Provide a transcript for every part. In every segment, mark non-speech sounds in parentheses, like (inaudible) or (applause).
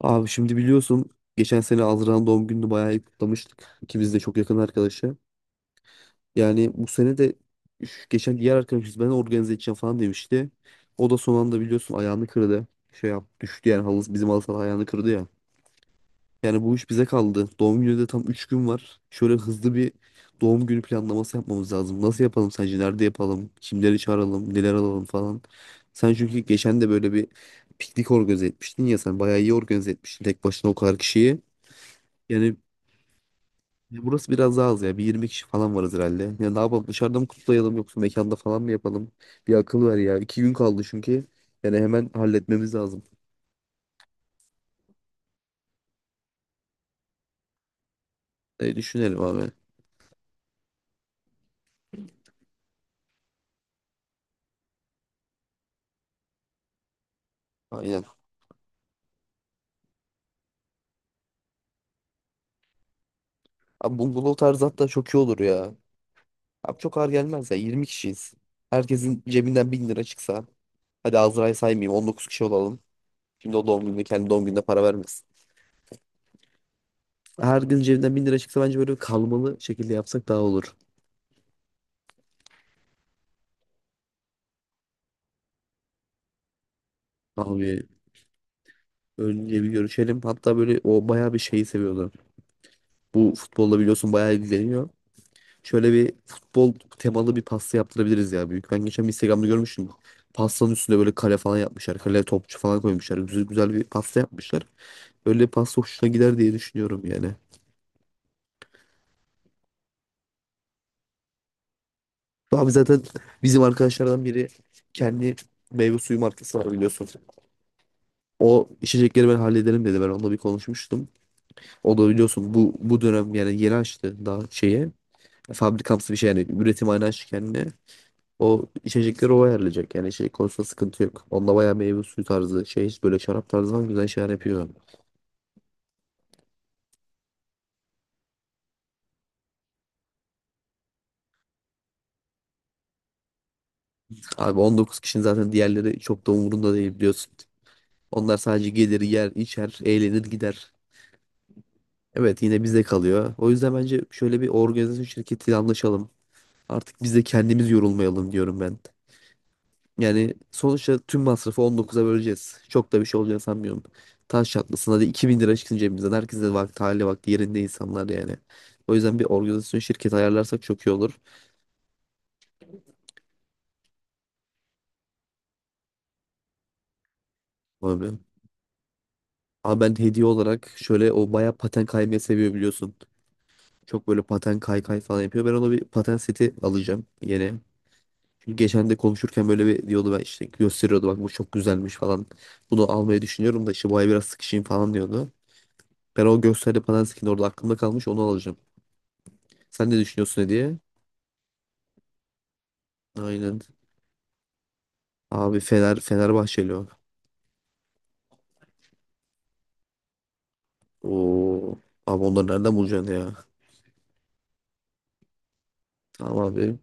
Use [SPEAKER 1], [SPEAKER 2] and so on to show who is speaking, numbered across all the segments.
[SPEAKER 1] Abi şimdi biliyorsun geçen sene Azra'nın doğum gününü bayağı iyi kutlamıştık. İkimiz de çok yakın arkadaşı. Yani bu sene de geçen diğer arkadaşımız ben organize edeceğim falan demişti. O da son anda biliyorsun ayağını kırdı. Şey yap düştü yani bizim halı saha ayağını kırdı ya. Yani bu iş bize kaldı. Doğum günü de tam 3 gün var. Şöyle hızlı bir doğum günü planlaması yapmamız lazım. Nasıl yapalım sence? Nerede yapalım? Kimleri çağıralım? Neler alalım falan. Sen çünkü geçen de böyle bir piknik organize etmiştin ya sen bayağı iyi organize etmiştin tek başına o kadar kişiyi. Yani ya burası biraz daha az ya. Bir 20 kişi falan varız herhalde. Ya ne yapalım? Dışarıda mı kutlayalım yoksa mekanda falan mı yapalım? Bir akıl ver ya. İki gün kaldı çünkü. Yani hemen halletmemiz lazım. E, düşünelim abi. Aynen. Abi bungalov tarzı hatta çok iyi olur ya. Abi çok ağır gelmez ya. 20 kişiyiz. Herkesin cebinden 1000 lira çıksa. Hadi Azra'yı saymayayım. 19 kişi olalım. Şimdi o doğum gününde kendi doğum gününe para vermesin. Herkesin cebinden 1000 lira çıksa bence böyle kalmalı şekilde yapsak daha olur. Abi önce bir görüşelim. Hatta böyle o bayağı bir şeyi seviyordu. Bu futbolla biliyorsun bayağı ilgileniyor. Şöyle bir futbol temalı bir pasta yaptırabiliriz ya büyük. Ben geçen bir Instagram'da görmüştüm. Pastanın üstüne böyle kale falan yapmışlar. Kale topçu falan koymuşlar. Güzel, güzel bir pasta yapmışlar. Öyle bir pasta hoşuna gider diye düşünüyorum yani. Abi zaten bizim arkadaşlardan biri kendi meyve suyu markası var biliyorsun. O içecekleri ben hallederim dedi. Ben onunla bir konuşmuştum. O da biliyorsun bu dönem yani yeni açtı daha şeye. Fabrikamsı bir şey yani üretim aynı açtı kendine. O içecekleri o ayarlayacak. Yani içecek konusunda sıkıntı yok. Onda bayağı meyve suyu tarzı şey böyle şarap tarzı falan güzel şeyler yapıyor. Abi 19 kişinin zaten diğerleri çok da umurunda değil biliyorsun. Onlar sadece gelir yer içer eğlenir gider. Evet yine bizde kalıyor. O yüzden bence şöyle bir organizasyon şirketiyle anlaşalım. Artık biz de kendimiz yorulmayalım diyorum ben. Yani sonuçta tüm masrafı 19'a böleceğiz. Çok da bir şey olacağını sanmıyorum. Taş çatlasın hadi 2000 lira çıksın cebimizden. Herkes de vakti hali vakti yerinde insanlar yani. O yüzden bir organizasyon şirketi ayarlarsak çok iyi olur. Abi. Ama ben hediye olarak şöyle o bayağı paten kaymayı seviyor biliyorsun. Çok böyle paten kay kay falan yapıyor. Ben ona bir paten seti alacağım yeni. Çünkü geçen de konuşurken böyle bir diyordu ben işte gösteriyordu bak bu çok güzelmiş falan. Bunu almayı düşünüyorum da işte bu ay biraz sıkışayım falan diyordu. Ben o gösterdi paten setini orada aklımda kalmış onu alacağım. Sen ne düşünüyorsun hediye? Aynen. Abi Fenerbahçeli o. Oo. Abi onları nereden bulacaksın ya? Tamam abi.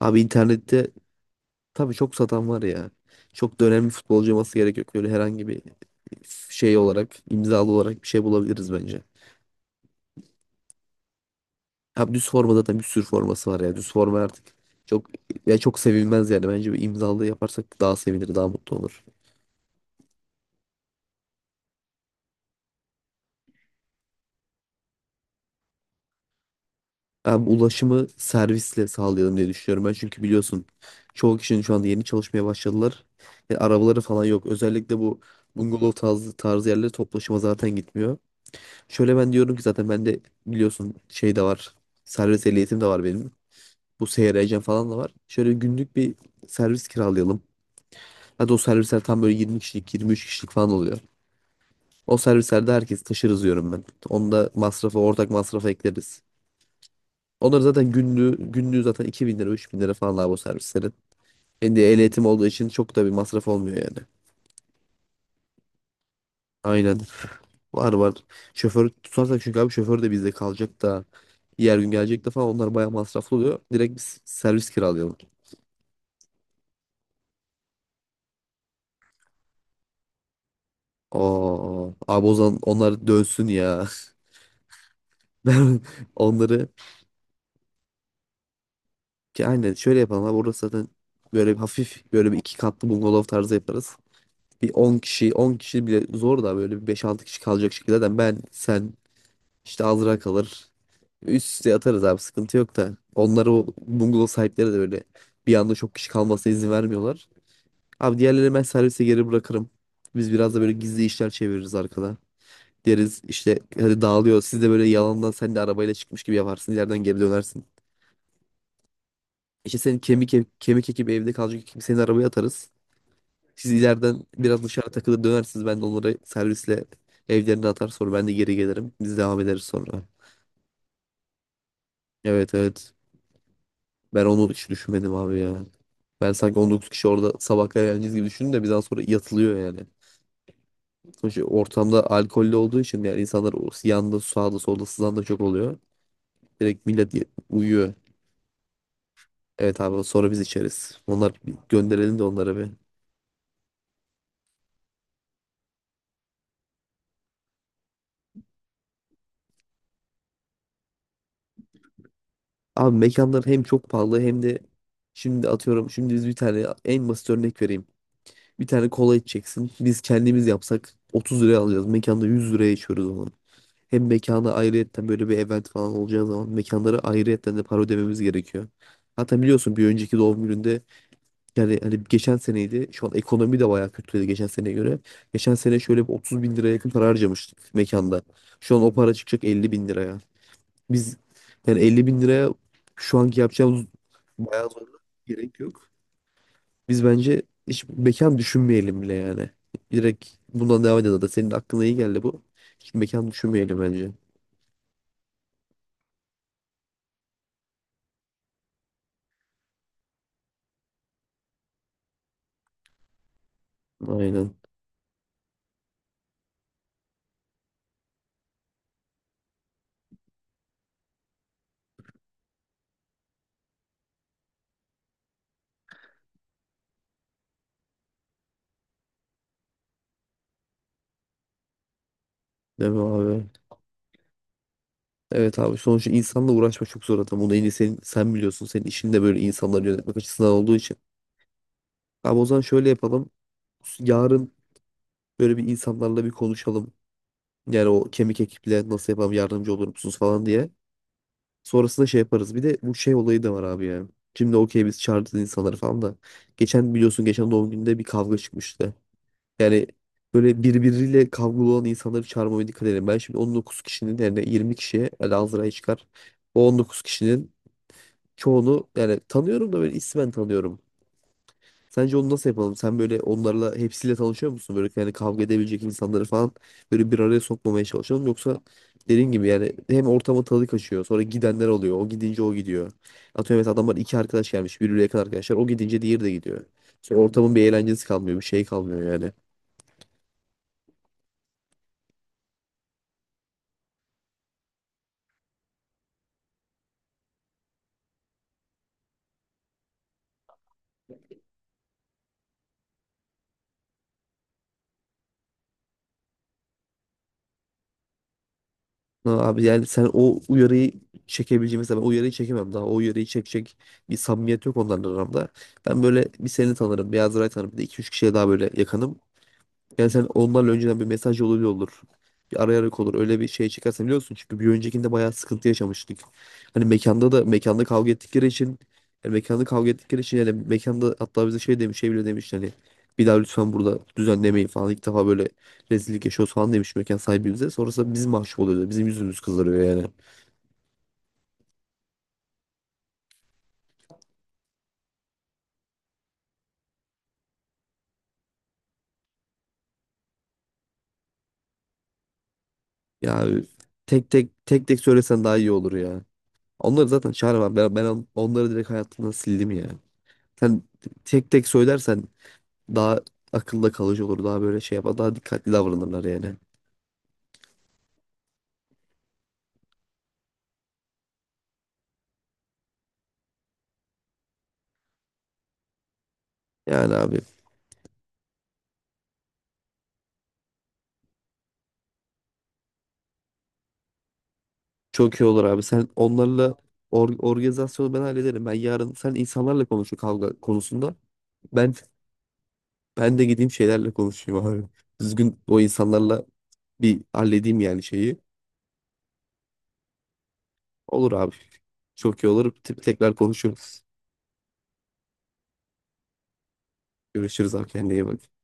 [SPEAKER 1] Abi internette tabii çok satan var ya. Çok da önemli futbolcu olması gerek yok. Böyle herhangi bir şey olarak, imzalı olarak bir şey bulabiliriz bence. Abi düz forma zaten bir sürü forması var ya. Düz forma artık çok ya çok sevilmez yani. Bence bir imzalı yaparsak daha sevinir, daha mutlu olur. Ben ulaşımı servisle sağlayalım diye düşünüyorum ben. Çünkü biliyorsun çoğu kişinin şu anda yeni çalışmaya başladılar. Arabaları falan yok. Özellikle bu bungalov tarzı yerlere toplu taşıma zaten gitmiyor. Şöyle ben diyorum ki zaten ben de biliyorsun şey de var. Servis ehliyetim de var benim. Bu seyir falan da var. Şöyle günlük bir servis kiralayalım. Hadi o servisler tam böyle 20 kişilik, 23 kişilik falan oluyor. O servislerde herkes taşırız diyorum ben. Onda masrafı, ortak masrafa ekleriz. Onların zaten günlüğü zaten 2.000 lira 3.000 lira falan abi o servislerin. Hem de ehliyetim olduğu için çok da bir masraf olmuyor yani. Aynen. Var var. Şoför tutarsak çünkü abi şoför de bizde kalacak da diğer gün gelecek de falan onlar bayağı masraflı oluyor. Direkt biz servis kiralayalım. Oo, abi o zaman onlar dönsün ya. (laughs) Ben onları ki aynen şöyle yapalım abi orası zaten böyle bir hafif böyle bir iki katlı bungalov tarzı yaparız. Bir 10 kişi 10 kişi bile zor da böyle bir beş altı kişi kalacak şekilde zaten ben sen İşte Azra kalır. Üst üste atarız abi sıkıntı yok da. Onları o bungalov sahipleri de böyle bir anda çok kişi kalmasına izin vermiyorlar. Abi diğerlerini ben servise geri bırakırım. Biz biraz da böyle gizli işler çeviririz arkada. Deriz işte hadi dağılıyor. Siz de böyle yalandan sen de arabayla çıkmış gibi yaparsın. İleriden geri dönersin. İşte senin kemik ekibi evde kalacak ekibi senin arabaya atarız. Siz ileriden biraz dışarı takılır dönersiniz. Ben de onları servisle evlerine atar sonra ben de geri gelirim. Biz devam ederiz sonra. Evet evet. Ben onu hiç düşünmedim abi ya. Ben sanki 19 kişi orada sabah kadar eğleneceğiz gibi düşündüm de bir daha sonra yatılıyor yani. Sonuçta şey, ortamda alkollü olduğu için yani insanlar o yanda sağda solda sızan da çok oluyor. Direkt millet uyuyor. Evet abi sonra biz içeriz. Onlar bir gönderelim de onlara bir. Abi mekanlar hem çok pahalı hem de şimdi atıyorum şimdi biz bir tane en basit örnek vereyim. Bir tane kola içeceksin. Biz kendimiz yapsak 30 liraya alacağız. Mekanda 100 liraya içiyoruz onu. Hem mekana ayrıyetten böyle bir event falan olacağı zaman mekanlara ayrıyetten de para ödememiz gerekiyor. Hatta biliyorsun bir önceki doğum gününde yani hani geçen seneydi. Şu an ekonomi de bayağı kötüydü geçen seneye göre. Geçen sene şöyle bir 30 bin liraya yakın para harcamıştık mekanda. Şu an o para çıkacak 50 bin liraya. Biz yani 50 bin liraya şu anki yapacağımız bayağı zorla gerek yok. Biz bence hiç mekan düşünmeyelim bile yani. Direkt bundan devam edelim. Da senin aklına iyi geldi bu. Hiç mekan düşünmeyelim bence. Aynen. Değil mi abi? Evet abi sonuçta insanla uğraşmak çok zor adam. Bunu en iyi sen biliyorsun. Senin işin de böyle insanları yönetmek açısından olduğu için. Abi o zaman şöyle yapalım. Yarın böyle bir insanlarla bir konuşalım. Yani o kemik ekiple nasıl yapalım yardımcı olur musunuz falan diye. Sonrasında şey yaparız. Bir de bu şey olayı da var abi ya. Şimdi okey biz çağırdık insanları falan da. Geçen biliyorsun geçen doğum günde bir kavga çıkmıştı. Yani böyle birbiriyle kavgalı olan insanları çağırmamaya dikkat edelim. Ben şimdi 19 kişinin yerine 20 kişiye Lazera'yı çıkar. O 19 kişinin çoğunu yani tanıyorum da böyle ismen tanıyorum. Sence onu nasıl yapalım? Sen böyle onlarla hepsiyle tanışıyor musun? Böyle yani kavga edebilecek insanları falan böyle bir araya sokmamaya çalışalım. Yoksa dediğin gibi yani hem ortama tadı kaçıyor. Sonra gidenler oluyor. O gidince o gidiyor. Atıyorum mesela adamlar iki arkadaş gelmiş. Birbirine yakın arkadaşlar. O gidince diğeri de gidiyor. Sonra ortamın bir eğlencesi kalmıyor. Bir şey kalmıyor yani. Ha, abi yani sen o uyarıyı çekebileceğin mesela ben o uyarıyı çekemem daha o uyarıyı çekecek bir samimiyet yok onların aramda. Ben böyle bir seni tanırım bir Azuray tanırım bir de 2-3 kişiye daha böyle yakınım. Yani sen onlarla önceden bir mesaj yoluyla olur. Bir arayarak olur. Öyle bir şey çıkarsa biliyorsun. Çünkü bir öncekinde bayağı sıkıntı yaşamıştık. Hani mekanda da mekanda kavga ettikleri için yani mekanda kavga ettikleri için yani mekanda hatta bize şey demiş şey bile demiş hani bir daha lütfen burada düzenlemeyin falan. İlk defa böyle rezillik yaşıyoruz falan demiş mekan sahibi bize. Sonrasında biz mahcup oluyoruz. Bizim yüzümüz kızarıyor yani. Ya tek tek tek tek söylesen daha iyi olur ya. Onları zaten çağıramam. Ben onları direkt hayatımdan sildim ya. Sen tek tek söylersen daha akılda kalıcı olur. Daha böyle şey yapar. Daha dikkatli davranırlar yani. Yani abi çok iyi olur abi. Sen onlarla organizasyonu ben hallederim. Ben yarın sen insanlarla konuşu kavga konusunda. Ben ben de gideyim şeylerle konuşayım abi. Düzgün o insanlarla bir halledeyim yani şeyi. Olur abi. Çok iyi olur. Tekrar konuşuruz. Görüşürüz abi kendine iyi bak.